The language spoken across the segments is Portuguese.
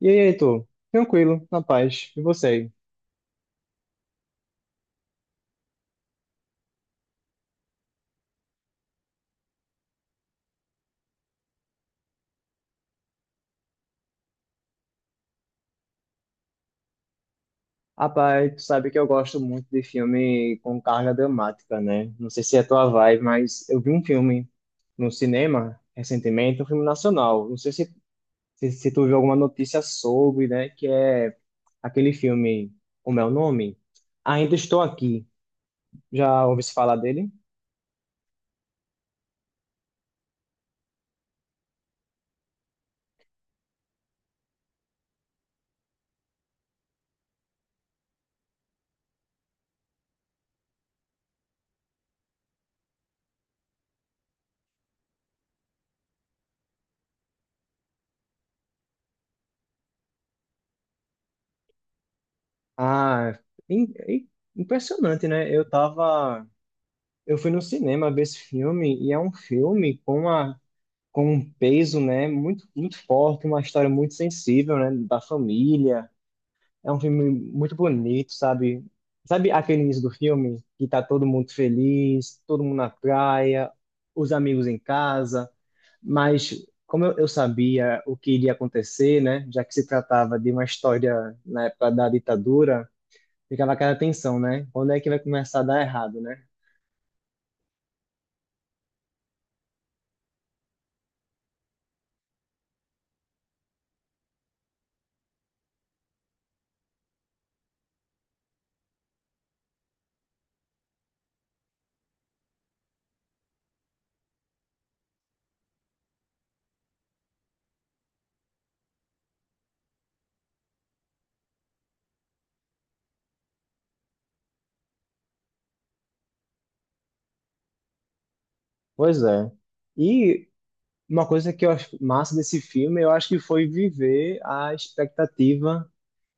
E aí, Heitor? Tranquilo, na paz. E você? Rapaz, tu sabe que eu gosto muito de filme com carga dramática, né? Não sei se é a tua vibe, mas eu vi um filme no cinema recentemente, um filme nacional. Não sei se tu viu alguma notícia sobre, né? Que é aquele filme, como é o nome? Ainda Estou Aqui. Já ouvi se falar dele? Ah, im- im- impressionante, né? Eu tava. Eu fui no cinema ver esse filme e é um filme com uma com um peso, né, muito forte, uma história muito sensível, né, da família. É um filme muito bonito, sabe? Sabe aquele início do filme que tá todo mundo feliz, todo mundo na praia, os amigos em casa, mas como eu sabia o que iria acontecer, né, já que se tratava de uma história na época da ditadura, ficava aquela tensão, né? Quando é que vai começar a dar errado, né? Pois é. E uma coisa que eu acho massa desse filme, eu acho que foi viver a expectativa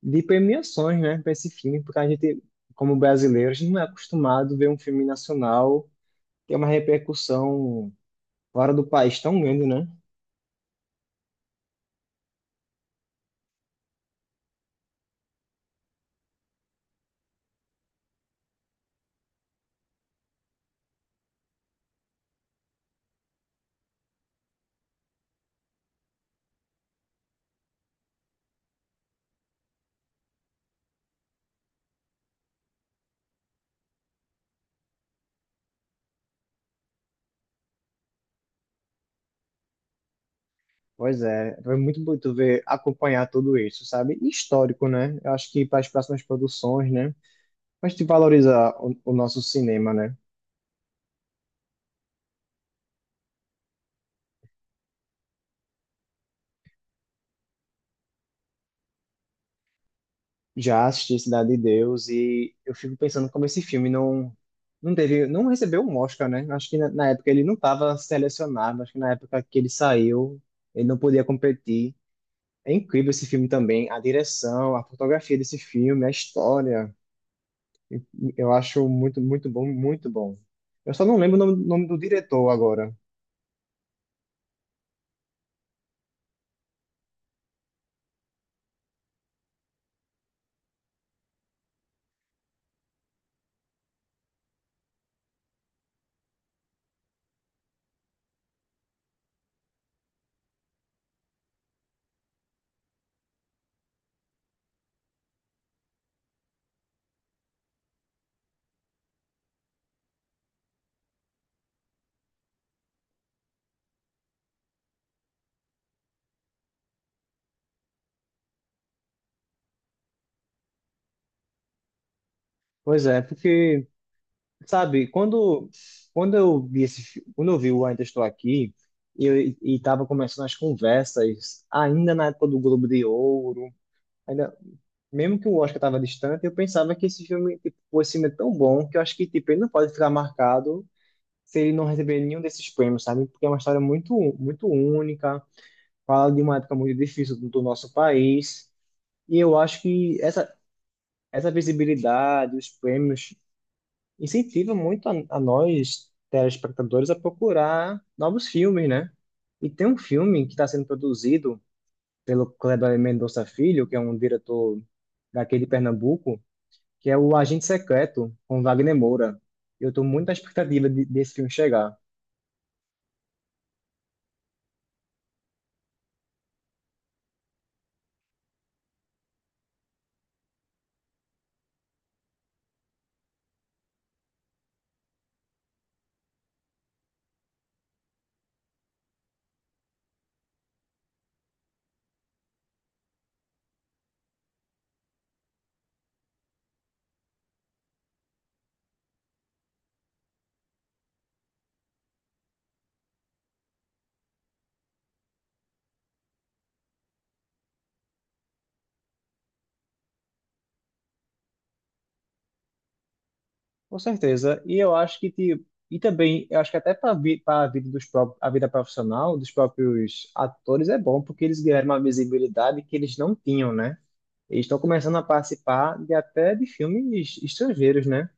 de premiações, né, para esse filme, porque a gente, como brasileiros, não é acostumado a ver um filme nacional ter uma repercussão fora do país tão grande, né? Pois é, foi muito bonito ver, acompanhar tudo isso, sabe? E histórico, né? Eu acho que para as próximas produções, né? A gente valoriza o nosso cinema, né? Já assisti Cidade de Deus e eu fico pensando como esse filme não teve, não recebeu um Oscar, né? Acho que na época ele não estava selecionado, acho que na época que ele saiu, ele não podia competir. É incrível esse filme também, a direção, a fotografia desse filme, a história. Eu acho muito bom, muito bom. Eu só não lembro o nome do diretor agora. Pois é, porque sabe, quando eu vi quando eu vi o Ainda Estou Aqui, eu estava começando as conversas, ainda na época do Globo de Ouro, ainda, mesmo que o Oscar estava distante, eu pensava que esse filme, tipo, esse filme é tão bom que eu acho que, tipo, ele não pode ficar marcado se ele não receber nenhum desses prêmios, sabe? Porque é uma história muito, muito única, fala de uma época muito difícil do nosso país, e eu acho que essa visibilidade, os prêmios incentiva muito a nós, telespectadores, a procurar novos filmes, né? E tem um filme que está sendo produzido pelo Kleber Mendonça Filho, que é um diretor daqui de Pernambuco, que é o Agente Secreto, com Wagner Moura. Eu estou muito na expectativa desse filme chegar. Com certeza. E eu acho que, tipo, e também, eu acho que até a vida dos próprios, a vida profissional dos próprios atores é bom, porque eles ganharam uma visibilidade que eles não tinham, né? E estão começando a participar de até de filmes estrangeiros, né?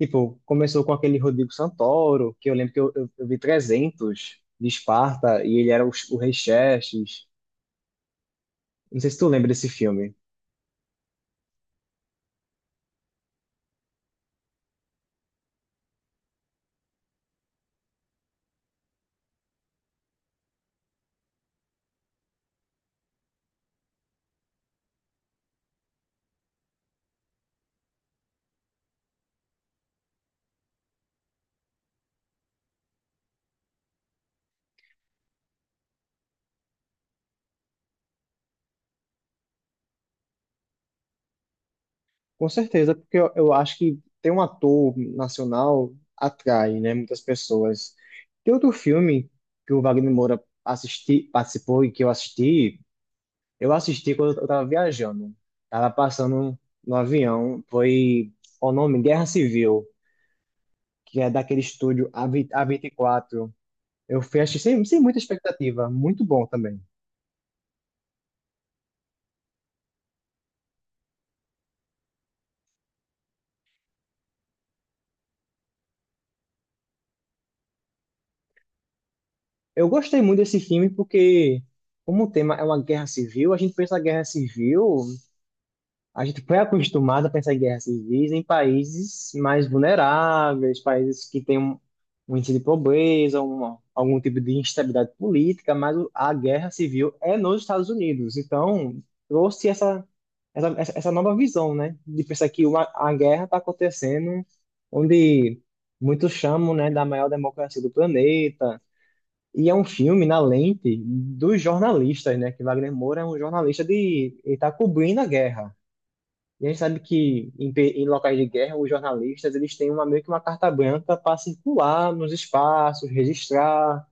Tipo, começou com aquele Rodrigo Santoro, que eu lembro que eu vi 300 de Esparta e ele era o Rei Xerxes. Não sei se tu lembra desse filme. Com certeza, porque eu acho que ter um ator nacional atrai, né, muitas pessoas. Tem outro filme que o Wagner Moura assisti, participou e que eu assisti, eu assisti quando eu tava viajando. Tava passando no avião. Foi o nome Guerra Civil, que é daquele estúdio A20 A24. Eu fui assistir sem muita expectativa. Muito bom também. Eu gostei muito desse filme porque, como o tema é uma guerra civil, a gente pensa na guerra civil. A gente foi acostumado a pensar em guerras civis em países mais vulneráveis, países que têm um índice de pobreza, uma, algum tipo de instabilidade política, mas a guerra civil é nos Estados Unidos. Então, trouxe essa nova visão, né? De pensar que a guerra está acontecendo onde muitos chamam, né, da maior democracia do planeta. E é um filme na lente dos jornalistas, né? Que Wagner Moura é um jornalista de... Ele está cobrindo a guerra. E a gente sabe que em locais de guerra, os jornalistas eles têm uma, meio que uma carta branca para circular nos espaços, registrar,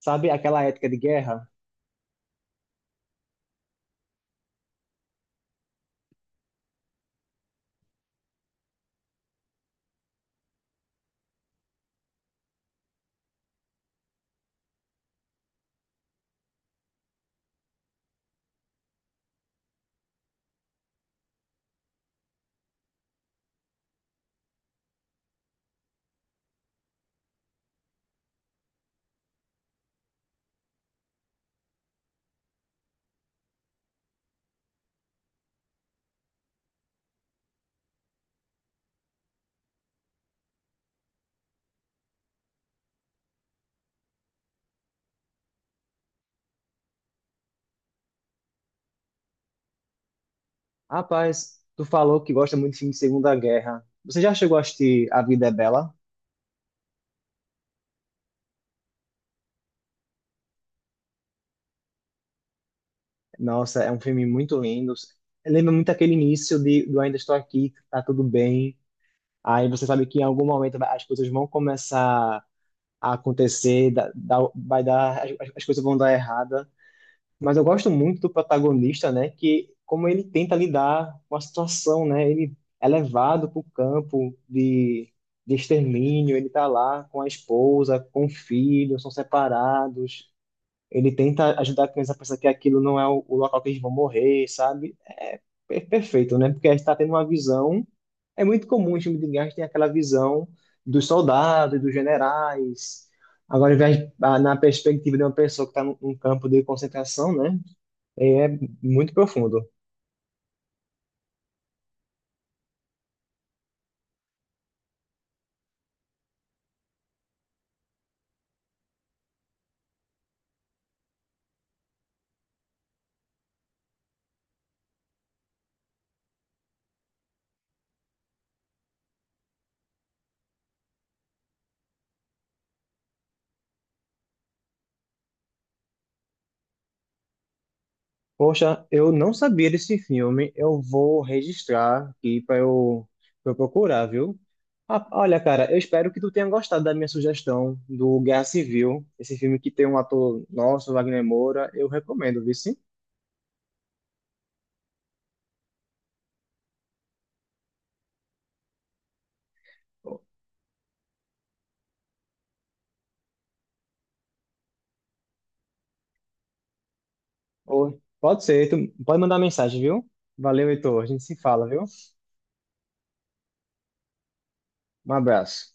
sabe aquela ética de guerra? Rapaz, tu falou que gosta muito de filme de Segunda Guerra. Você já chegou a assistir A Vida é Bela? Nossa, é um filme muito lindo. Lembra muito aquele início do Ainda Estou Aqui, tá tudo bem. Aí você sabe que em algum momento as coisas vão começar a acontecer, as coisas vão dar errada. Mas eu gosto muito do protagonista, né? Que como ele tenta lidar com a situação, né? Ele é levado para o campo de extermínio, ele tá lá com a esposa, com o filho, são separados. Ele tenta ajudar a criança a pensar que aquilo não é o local que eles vão morrer, sabe? É perfeito, né? Porque a gente está tendo uma visão. É muito comum em filme de guerra, a gente tem aquela visão dos soldados, dos generais. Agora, ah, na perspectiva de uma pessoa que está num num campo de concentração, né? É muito profundo. Poxa, eu não sabia desse filme. Eu vou registrar aqui pra eu procurar, viu? Ah, olha, cara, eu espero que tu tenha gostado da minha sugestão do Guerra Civil, esse filme que tem um ator nosso, Wagner Moura. Eu recomendo, viu? Sim? Pode ser, tu pode mandar mensagem, viu? Valeu, Heitor. A gente se fala, viu? Um abraço.